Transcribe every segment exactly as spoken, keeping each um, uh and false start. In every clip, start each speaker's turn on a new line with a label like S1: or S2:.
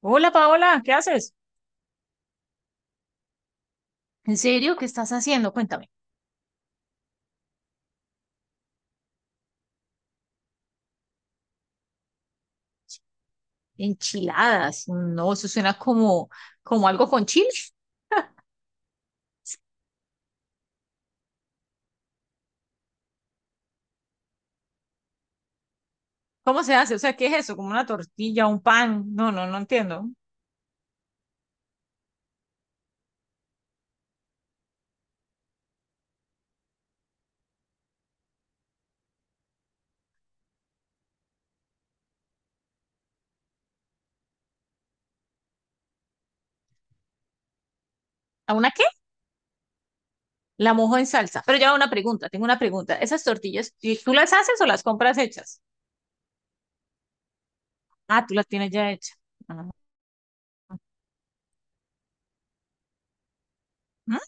S1: Hola Paola, ¿qué haces? ¿En serio? ¿Qué estás haciendo? Cuéntame. Enchiladas. No, eso suena como, como algo con chile. ¿Cómo se hace? O sea, ¿qué es eso? ¿Como una tortilla, un pan? No, no, no entiendo. ¿A una qué? La mojo en salsa. Pero ya una pregunta, tengo una pregunta. ¿Esas tortillas, ¿tú tú las haces o las compras hechas? Ah, tú las tienes ya hechas. Ah, ¿mm?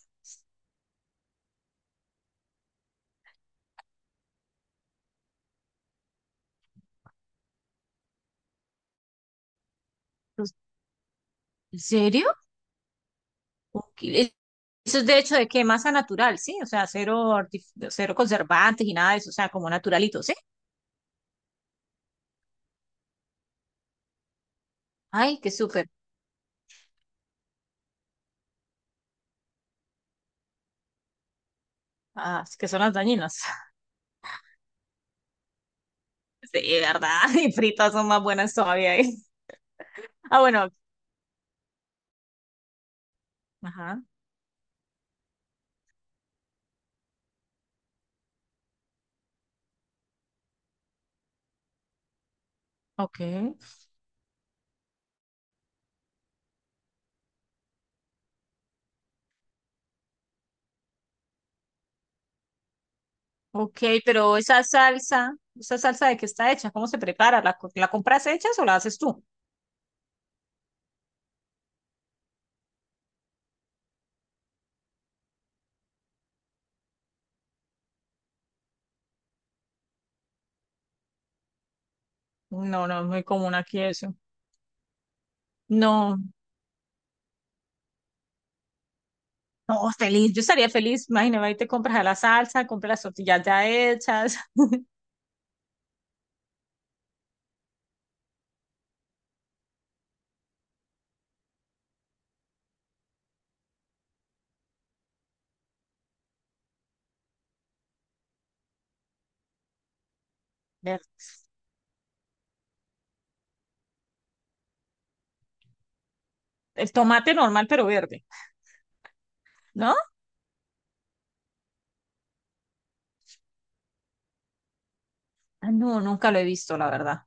S1: Pues, ¿en serio? Ok, e- eso es de hecho de que masa natural, ¿sí? O sea, cero, artif- cero conservantes y nada de eso, o sea, como naturalito, ¿sí? Ay, qué súper. Ah, es que son las dañinas. Sí, ¿verdad? Y fritas son más buenas todavía. ¿Eh? Ah, bueno. Ajá. Ok. Ok, pero esa salsa, ¿esa salsa de qué está hecha? ¿Cómo se prepara? ¿La, co- la compras hecha o la haces tú? No, no, es muy común aquí eso. No, no, feliz. Yo estaría feliz. Imagínate, ahí te compras la salsa, compras las tortillas ya hechas. Ver- el tomate normal, pero verde, ¿no? Ah, no, nunca lo he visto, la verdad.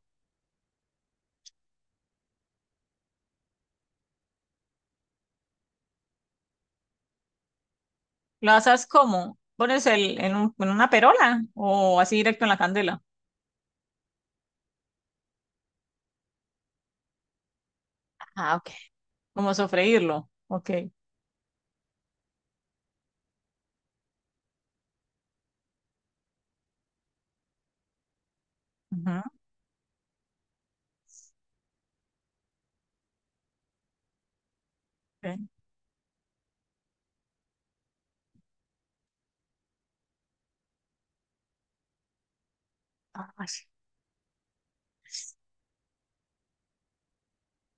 S1: ¿Lo haces cómo? ¿Pones el, en, un- en una perola o así directo en la candela? Ah, ok. Como sofreírlo. Ok. Ujú, ok. Ay,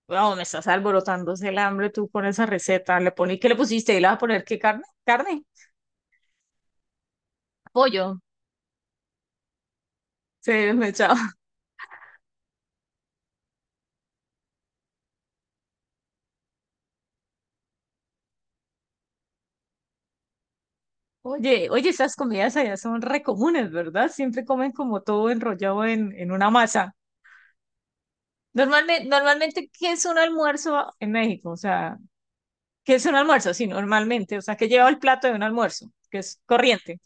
S1: wow, me estás alborotándose el hambre tú con esa receta. Le poní, ¿qué le pusiste? ¿Y le vas a poner qué carne? ¿Carne? Pollo. Sí, me echaba. Oye, oye, esas comidas allá son re comunes, ¿verdad? Siempre comen como todo enrollado en, en una masa. Normalmente, normalmente, ¿qué es un almuerzo en México? O sea, ¿qué es un almuerzo? Sí, normalmente. O sea, ¿qué lleva el plato de un almuerzo? Que es corriente.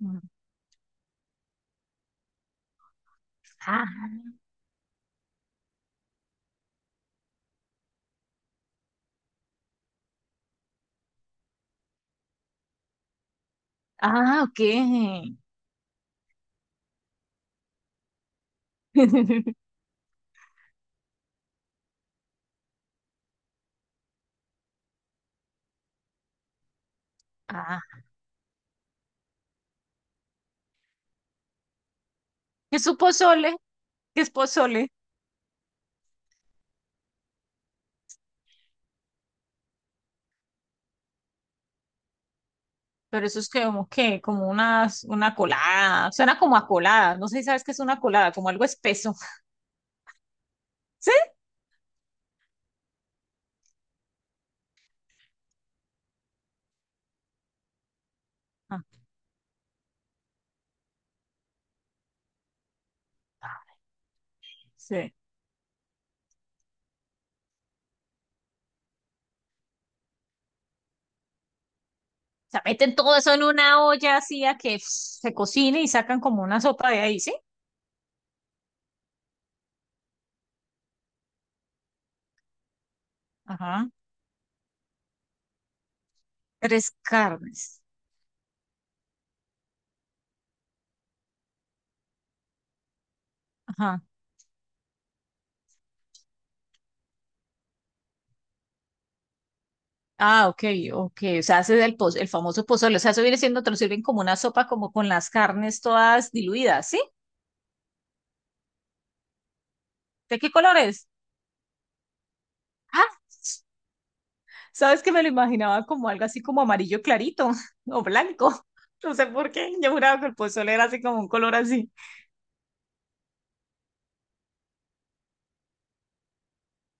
S1: Ujú. Ah, ah, ok. Ah, es su pozole, que es pozole, pero eso es como que, como unas, una colada, suena como a colada, no sé si sabes qué es una colada, como algo espeso. ¿Sí? Ah, sí. O sea, meten todo eso en una olla así a que pf, se cocine y sacan como una sopa de ahí, ¿sí? Ajá. Tres carnes. Ajá. Ah, ok, ok. O sea, hace el, poz- el famoso pozole. O sea, eso viene siendo, te lo sirven como una sopa, como con las carnes todas diluidas, ¿sí? ¿De qué color es? Ah, sabes que me lo imaginaba como algo así como amarillo clarito o blanco. No sé por qué. Yo juraba que el pozole era así como un color así.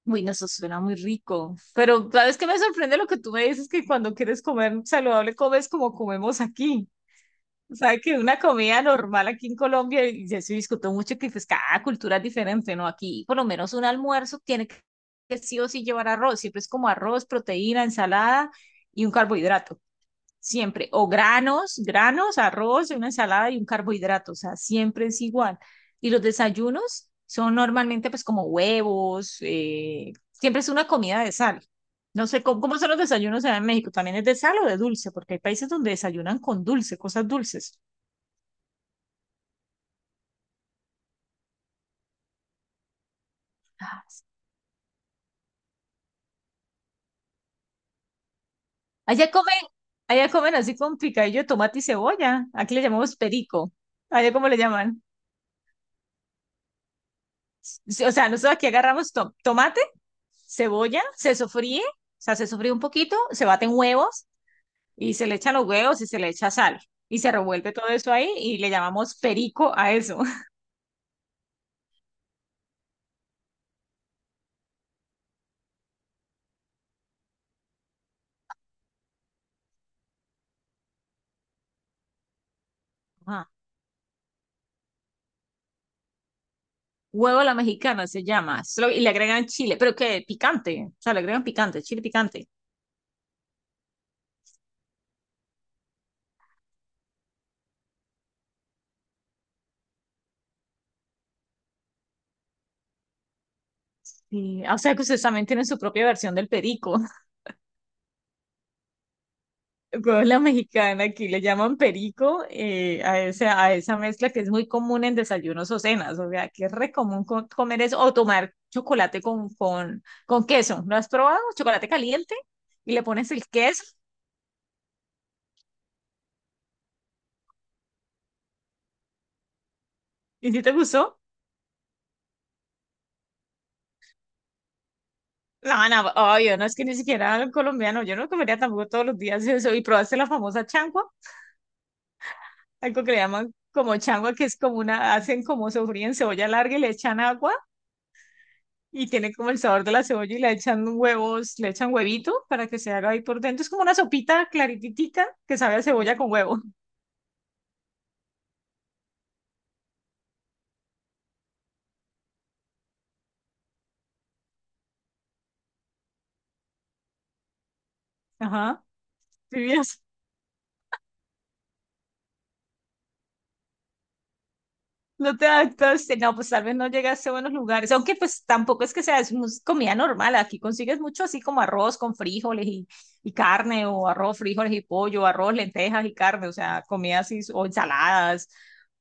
S1: Uy, no, eso suena muy rico. Pero sabes que me sorprende lo que tú me dices que cuando quieres comer saludable comes como comemos aquí. O sea, que una comida normal aquí en Colombia, y ya se discutió mucho que pues cada cultura es diferente, ¿no? Aquí por lo menos un almuerzo tiene que que sí o sí llevar arroz. Siempre es como arroz, proteína, ensalada y un carbohidrato. Siempre, o granos, granos, arroz, una ensalada y un carbohidrato, o sea, siempre es igual. Y los desayunos son normalmente pues como huevos, eh, siempre es una comida de sal. No sé cómo, cómo son los desayunos allá en México, también es de sal o de dulce, porque hay países donde desayunan con dulce, cosas dulces. Allá comen, allá comen así con picadillo de tomate y cebolla, aquí le llamamos perico, allá cómo le llaman. Sí, o sea, nosotros aquí agarramos to tomate, cebolla, se sofríe, o sea, se sofríe un poquito, se baten huevos y se le echan los huevos y se le echa sal y se revuelve todo eso ahí y le llamamos perico a eso. Ajá. Huevo a la mexicana se llama, solo- y le agregan chile, pero que picante, o sea, le agregan picante, chile picante. Sí, ah, o sea que ustedes también tienen su propia versión del perico. Rola mexicana, aquí le llaman perico eh, a, ese, a esa mezcla que es muy común en desayunos o cenas, o sea, que es re común co- comer eso o tomar chocolate con, con, con queso. ¿Lo has probado? Chocolate caliente y le pones el queso. ¿Y si te gustó? No, no, obvio, no es que ni siquiera el colombiano, yo no comería tampoco todos los días eso. ¿Y probaste la famosa changua? Algo que le llaman como changua, que es como una, hacen como sofrí en cebolla larga y le echan agua. Y tiene como el sabor de la cebolla y le echan huevos, le echan huevito para que se haga ahí por dentro. Es como una sopita claritita que sabe a cebolla con huevo. Ajá. ¿Sí vieras? No te adaptas, no, pues tal vez no llegaste a buenos lugares, aunque pues tampoco es que sea es mus- comida normal, aquí consigues mucho así como arroz con frijoles y, y carne, o arroz, frijoles y pollo, arroz, lentejas y carne, o sea, comida así, o ensaladas,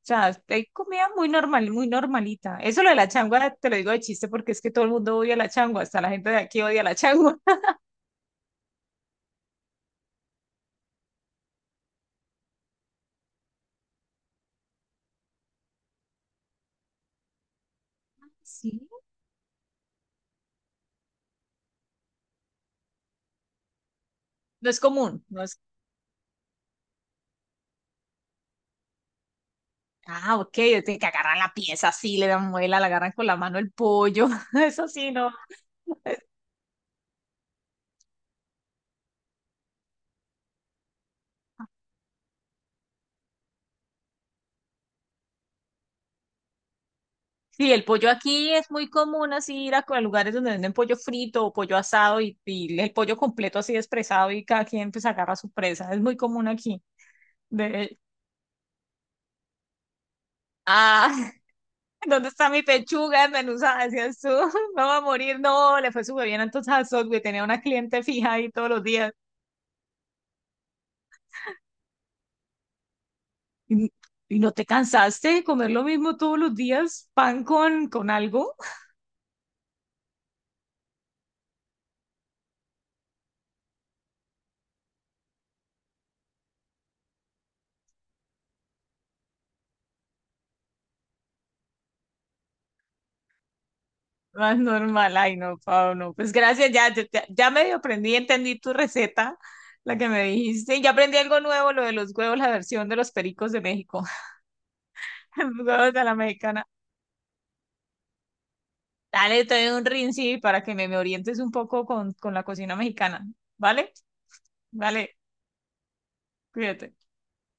S1: o sea, hay comida muy normal, muy normalita. Eso lo de la changua te lo digo de chiste porque es que todo el mundo odia la changua, hasta la gente de aquí odia la changua. Sí. No es común, no es... Ah, ok, de que agarran la pieza así, le dan muela, le agarran con la mano el pollo, eso sí, no. Sí, el pollo aquí es muy común así ir a co- a lugares donde venden pollo frito o pollo asado y, y el pollo completo así despresado y cada quien pues agarra su presa. Es muy común aquí. De, ah, ¿dónde está mi pechuga desmenuzada? Decías tú, no va a morir. No, le fue súper bien entonces a Subway. Tenía una cliente fija ahí todos los días. ¿Y, y no te cansaste de comer lo mismo todos los días? ¿Pan con, con algo? Más normal, ay no, Pau, no. Pues gracias, ya, ya, ya ya medio aprendí, entendí tu receta, la que me dijiste, y ya aprendí algo nuevo, lo de los huevos, la versión de los pericos de México, los huevos de la mexicana. Dale, te doy un rinci para que me, me orientes un poco con, con la cocina mexicana, ¿vale? Vale, cuídate.